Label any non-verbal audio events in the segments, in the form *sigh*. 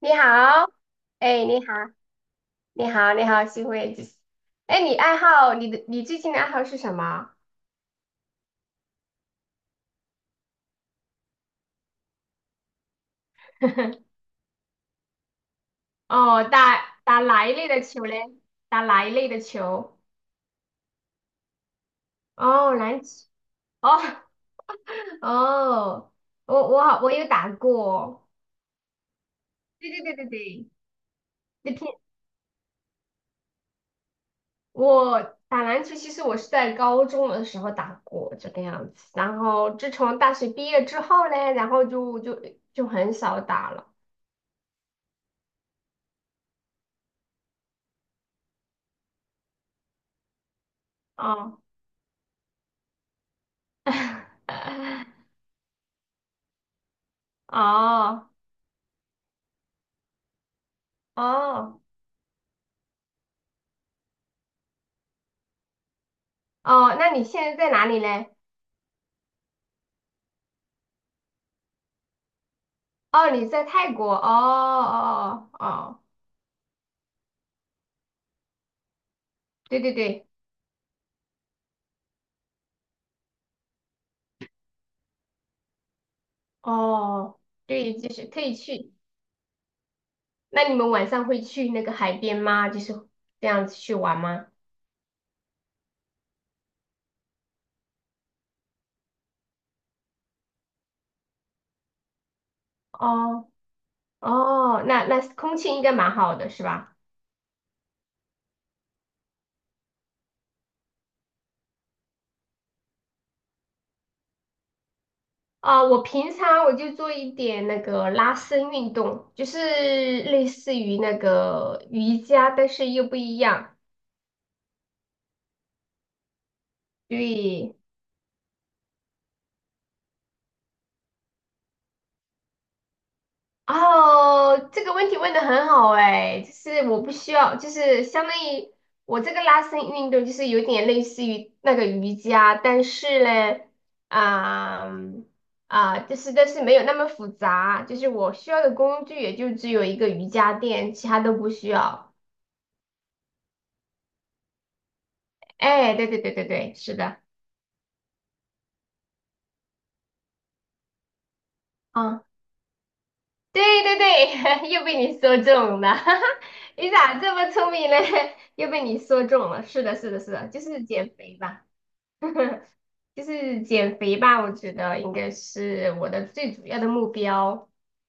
你好，哎，你好，你好，你好，幸会。哎，你最近的爱好是什么？*laughs* 哦，打哪一类的球嘞？打哪一类的球？哦，篮球。哦 *laughs* 哦，我好，我有打过。对对对对对，那天我打篮球，其实我是在高中的时候打过这个样子，然后自从大学毕业之后嘞，然后就很少打了。哦。*laughs* 哦哦哦，那你现在在哪里嘞？哦，你在泰国。哦哦哦哦对对对，哦，对，就是可以去。那你们晚上会去那个海边吗？就是这样子去玩吗？哦哦，那空气应该蛮好的，是吧？啊、我平常就做一点那个拉伸运动，就是类似于那个瑜伽，但是又不一样。对，哦，这个问题问的很好哎，就是我不需要，就是相当于我这个拉伸运动，就是有点类似于那个瑜伽，但是呢，啊、就是但是没有那么复杂，就是我需要的工具也就只有一个瑜伽垫，其他都不需要。哎，对对对对对，是的，嗯，对对对，*laughs* 又被你说中了，*laughs* 哈哈，你咋这么聪明呢？*laughs* 又被你说中了，是的，是的，是的，就是减肥吧。*laughs* 就是减肥吧，我觉得应该是我的最主要的目标。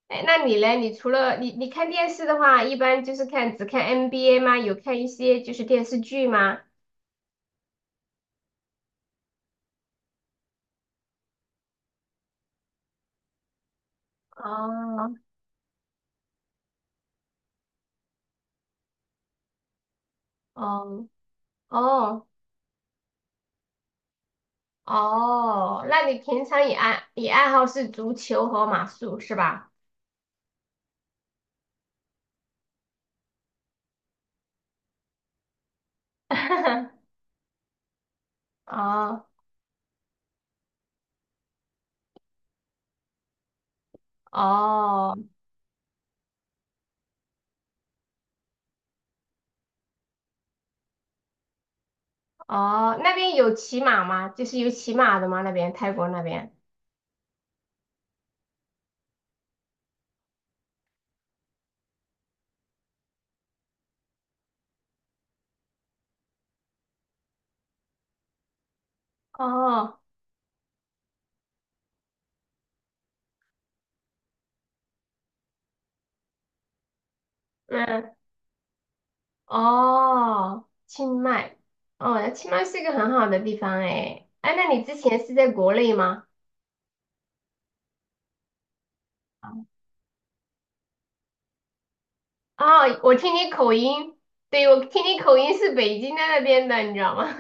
哎，那你嘞？你除了你看电视的话，一般就是只看 NBA 吗？有看一些就是电视剧吗？哦，哦，哦哦，那你平常也爱你爱好是足球和马术是吧？*laughs* 哦哦哦，那边有骑马吗？就是有骑马的吗？那边泰国那边？哦，哦，清迈，哦，清迈是一个很好的地方诶。哎，那你之前是在国内吗？哦，我听你口音，对，我听你口音是北京的那边的，你知道吗？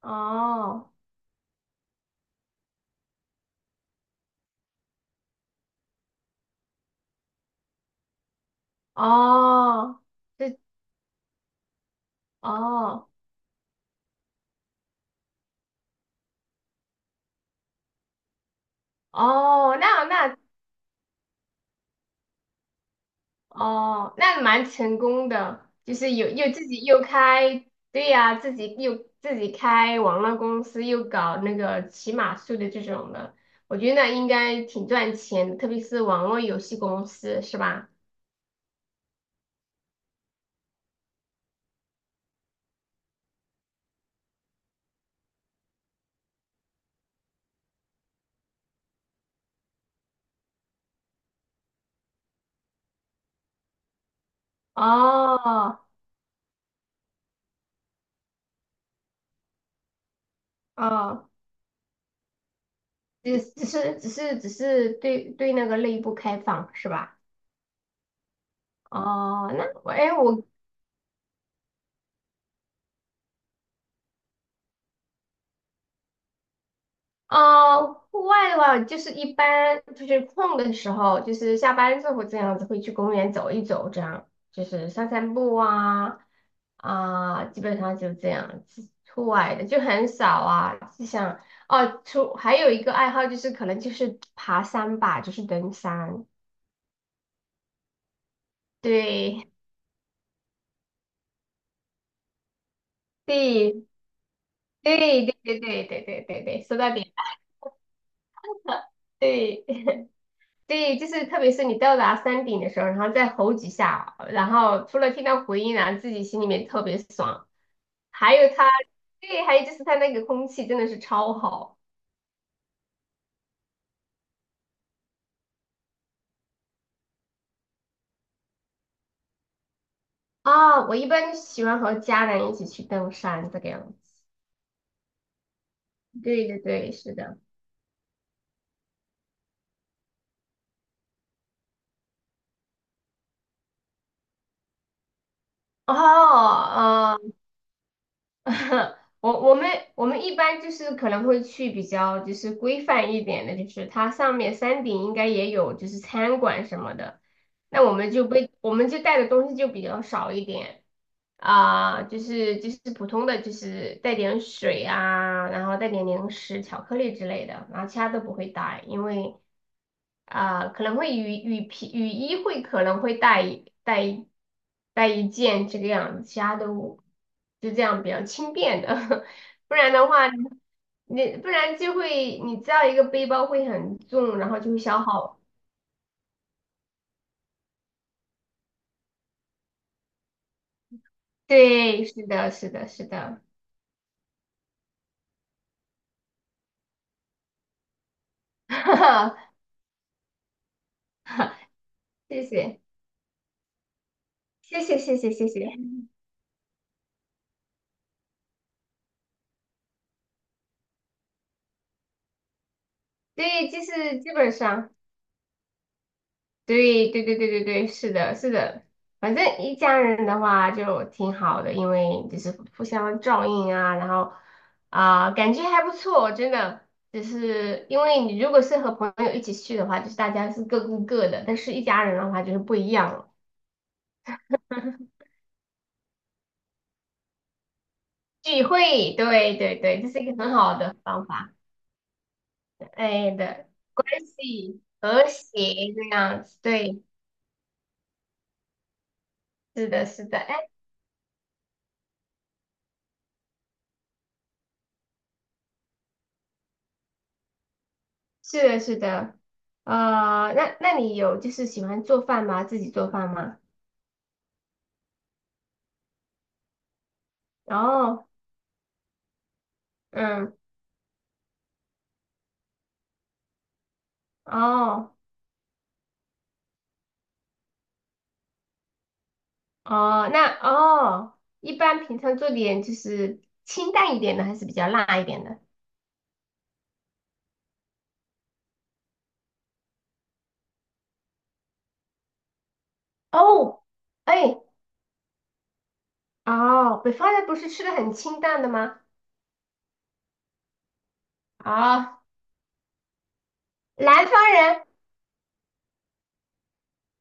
*laughs* 哦，哦，是，哦，哦，那哦，那蛮成功的，就是有又自己又开，对呀、自己开网络公司，又搞那个骑马术的这种的，我觉得那应该挺赚钱的特别是网络游戏公司，是吧？哦哦，只是对那个内部开放是吧？哦，那我哎，我呃，户外的话，就是一般就是空的时候，就是下班之后这样子会去公园走一走，这样就是散散步啊，基本上就这样子。户外的就很少啊，就像哦，还有一个爱好就是可能就是爬山吧，就是登山。对对对对对对对对对对，说到点，*laughs* 对。对，就是特别是你到达山顶的时候，然后再吼几下，然后除了听到回音然后自己心里面特别爽。还有它，对，还有就是它那个空气真的是超好啊！我一般喜欢和家人一起去登山这个样子。对对对，是的。哦，*laughs* 我我们我们一般就是可能会去比较就是规范一点的，就是它上面山顶应该也有就是餐馆什么的，那我们就不我们就带的东西就比较少一点。啊、就是普通的，就是带点水啊，然后带点零食、巧克力之类的，然后其他都不会带，因为啊、可能会雨衣会可能会带一件这个样子，其他都就这样比较轻便的，*laughs* 不然的话，你不然就会你知道一个背包会很重，然后就会消耗。对，是的，是的，是的，*laughs* 哈哈谢谢，谢谢，谢谢，谢谢。对，就是基本上，对对对对对对，是的，是的，反正一家人的话就挺好的，因为就是互相照应啊，然后啊、感觉还不错，真的。只是因为你如果是和朋友一起去的话，就是大家是各顾各的，但是一家人的话就是不一样了。*laughs* 聚会，对对对，这是一个很好的方法，哎的，关系和谐这样子，对，是的，是的。是的，是的，啊，那你有就是喜欢做饭吗？自己做饭吗？哦，嗯，哦，哦，那哦，一般平常做点就是清淡一点的，还是比较辣一点的？哦，哎，哦，北方人不是吃的很清淡的吗？啊、南方人，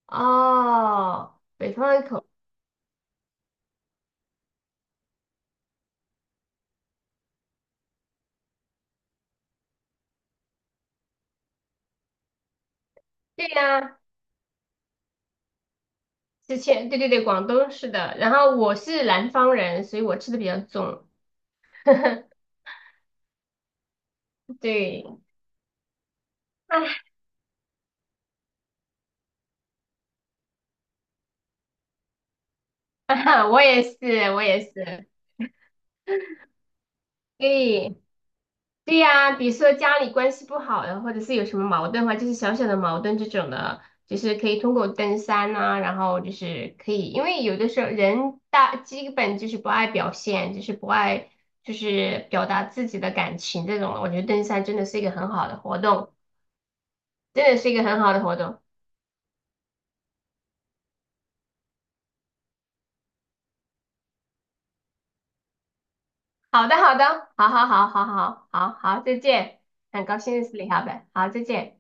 哦，北方人口，对呀、之前对对对，广东是的，然后我是南方人，所以我吃的比较重，*laughs* 对。*laughs* 我也是，我也是，对，对呀、比如说家里关系不好的，或者是有什么矛盾的话，就是小小的矛盾这种的，就是可以通过登山啊，然后就是可以，因为有的时候人大基本就是不爱表现，就是不爱就是表达自己的感情这种的我觉得登山真的是一个很好的活动，真的是一个很好的活动。好的，好的，好好好好好好好，再见，很高兴认识你，好呗，好，再见。